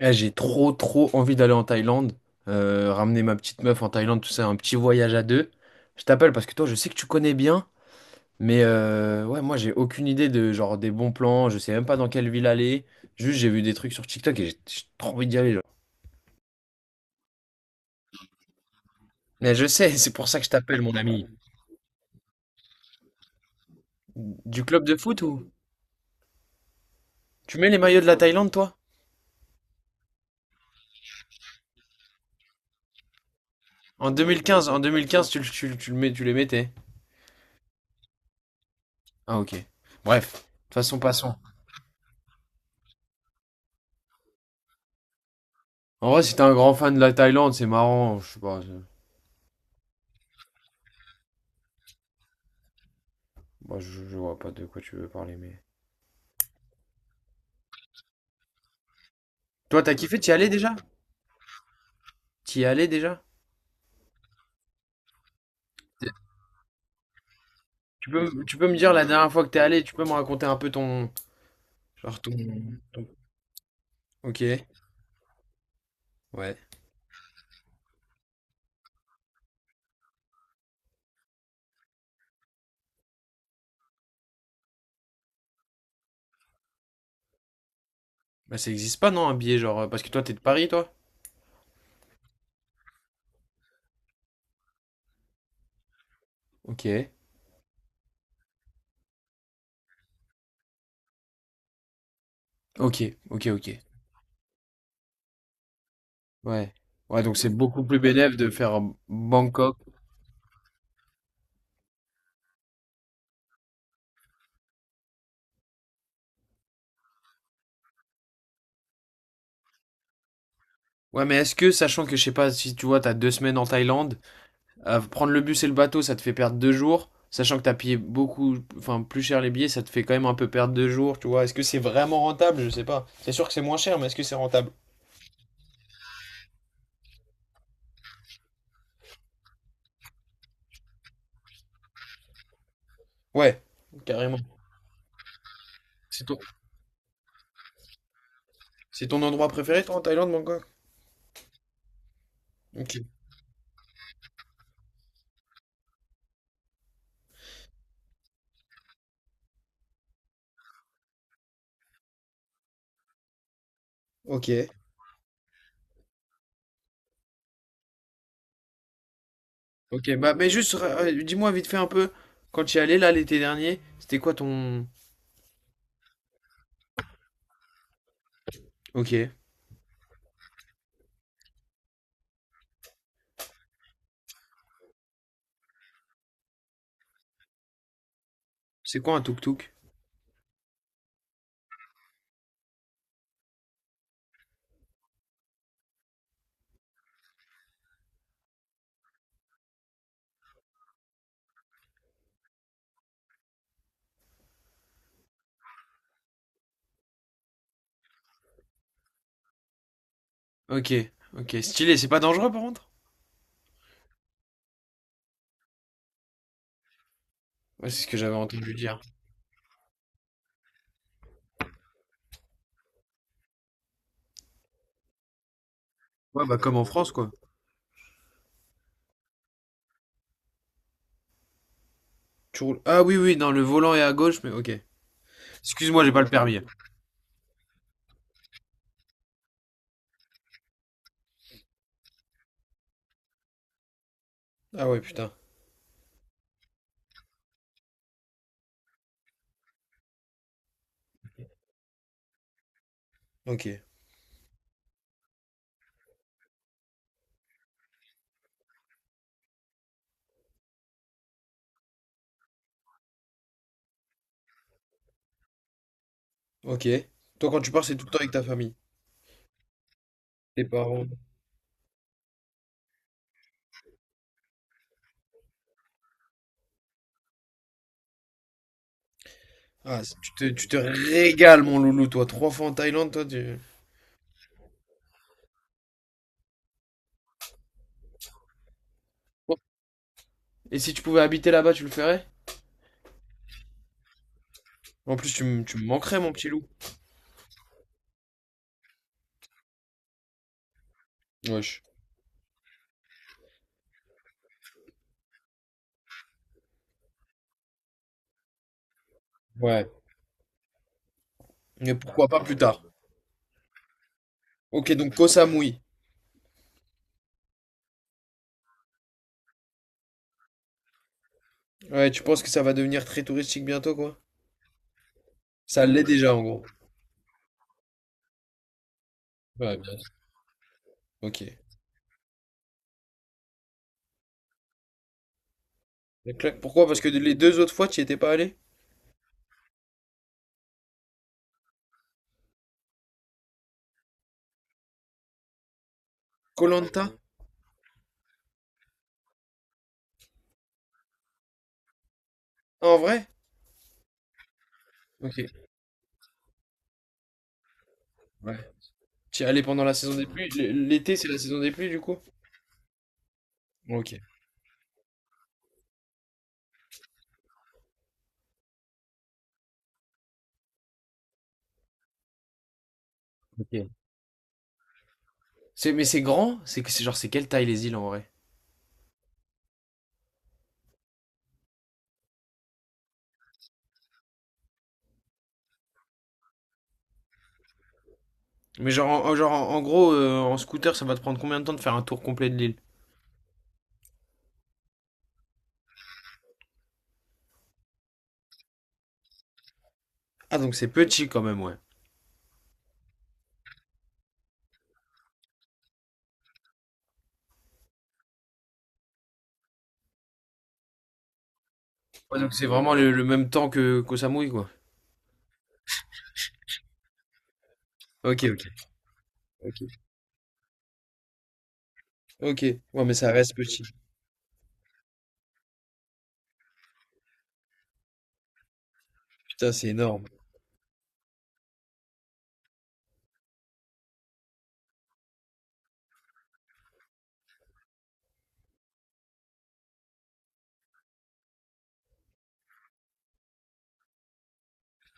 Eh, j'ai trop trop envie d'aller en Thaïlande, ramener ma petite meuf en Thaïlande, tout ça, un petit voyage à deux. Je t'appelle parce que toi, je sais que tu connais bien, mais ouais, moi, j'ai aucune idée de genre des bons plans, je sais même pas dans quelle ville aller. Juste, j'ai vu des trucs sur TikTok et j'ai trop envie d'y aller. Genre. Mais je sais, c'est pour ça que je t'appelle, mon ami. Du club de foot ou? Tu mets les maillots de la Thaïlande, toi? En 2015, en 2015, tu le mets, tu les mettais. Ah, ok. Bref, de toute façon, passons. En vrai, si t'es un grand fan de la Thaïlande, c'est marrant, je sais pas. Moi, je vois pas de quoi tu veux parler, mais. Toi, t'as kiffé? T'y allais déjà? T'y es allé déjà? Tu peux me dire la dernière fois que t'es allé, tu peux me raconter un peu ton. Genre ton. ton- Ok, ouais. Bah, ça existe pas, non, un billet, genre. Parce que toi, t'es de Paris, toi? Ok, ok, ok, ok. Ouais. Ouais, donc c'est beaucoup plus bénéf de faire Bangkok. Ouais, mais est-ce que, sachant que, je sais pas, si tu vois, t'as 2 semaines en Thaïlande, prendre le bus et le bateau, ça te fait perdre 2 jours. Sachant que t'as payé beaucoup, enfin plus cher les billets, ça te fait quand même un peu perdre 2 jours, tu vois. Est-ce que c'est vraiment rentable? Je sais pas. C'est sûr que c'est moins cher, mais est-ce que c'est rentable? Ouais, carrément. C'est ton, c'est ton endroit préféré, toi, en Thaïlande, Bangkok? Ok. Ok. Ok, bah, mais juste, dis-moi vite fait un peu, quand tu y allais, là, l'été dernier, c'était quoi ton... Ok. C'est quoi un tuk-tuk? Ok. Ok. Stylé, c'est pas dangereux, par contre? Ouais, c'est ce que j'avais entendu dire. Ouais, bah, comme en France, quoi. Tu roules... Ah oui, oui, non, le volant est à gauche, mais ok. Excuse-moi, j'ai pas le permis. Ah ouais, putain. Ok. Ok. Toi, quand tu pars, c'est tout le temps avec ta famille. Tes parents. Ah, tu te régales, mon loulou, toi. 3 fois en Thaïlande, toi, tu... Et si tu pouvais habiter là-bas, tu le ferais? En plus, tu me manquerais, mon petit loup. Wesh. Ouais. Mais pourquoi pas plus tard? Ok, donc Koh Samui. Ouais, tu penses que ça va devenir très touristique bientôt, quoi? Ça l'est déjà, en gros. Ouais, bien sûr. Ok. Clac. Pourquoi? Parce que les deux autres fois, tu y étais pas allé? Koh Lanta? Ah, en vrai? Ok. Ouais. Tu y allais pendant la saison des pluies? L'été, c'est la saison des pluies, du coup? Ok. Ok. Mais c'est grand? C'est quelle taille les îles en vrai? Mais genre, genre, en gros, en scooter, ça va te prendre combien de temps de faire un tour complet de l'île? Ah, donc c'est petit quand même, ouais. Ouais, donc c'est vraiment le même temps que qu'au Samui, quoi. Ok, ok. Ok. Ok. Ouais, mais ça reste petit. Putain, c'est énorme.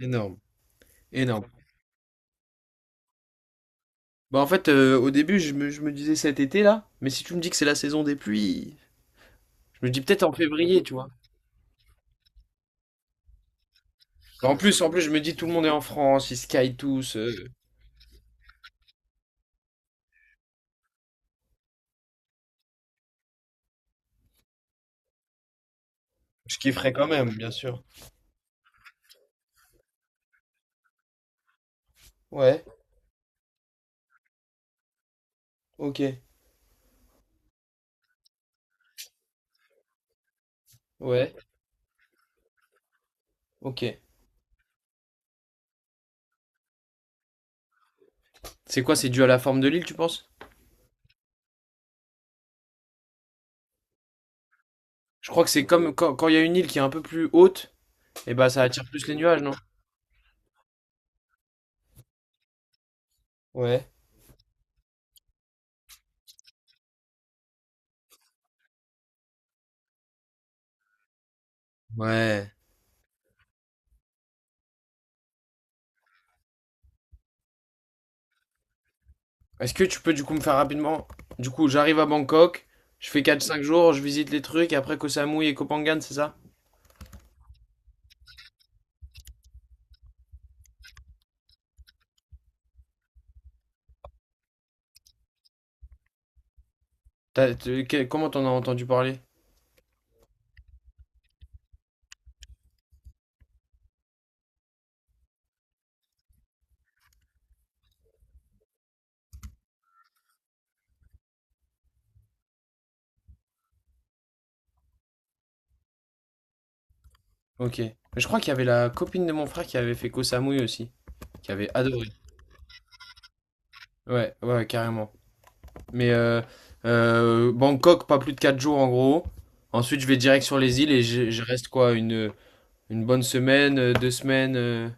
Énorme. Énorme. Bah, en fait, au début, je me disais cet été là, mais si tu me dis que c'est la saison des pluies, je me dis peut-être en février, tu vois. Bah, en plus, en plus, je me dis tout le monde est en France, ils skient tous. Je kifferais quand même, bien sûr. Ouais, ok, ouais, ok. C'est quoi, c'est dû à la forme de l'île, tu penses? Je crois que c'est comme quand il y a une île qui est un peu plus haute, et bah ça attire plus les nuages, non? Ouais. Ouais. Est-ce que tu peux du coup me faire rapidement? Du coup, j'arrive à Bangkok, je fais quatre cinq jours, je visite les trucs, et après Koh Samui et Koh Phangan, c'est ça? Comment t'en as entendu parler? Ok. Je crois qu'il y avait la copine de mon frère qui avait fait Koh Samui aussi, qui avait adoré. Ouais, ouais, ouais, carrément. Mais Bangkok, pas plus de 4 jours en gros. Ensuite, je vais direct sur les îles et je reste quoi, une bonne semaine, 2 semaines.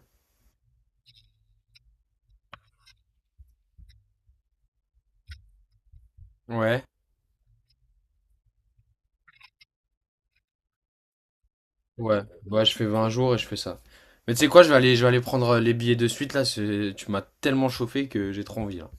Ouais, ouais, ouais, je fais 20 jours et je fais ça. Mais tu sais quoi, je vais aller prendre les billets de suite là. Tu m'as tellement chauffé que j'ai trop envie là.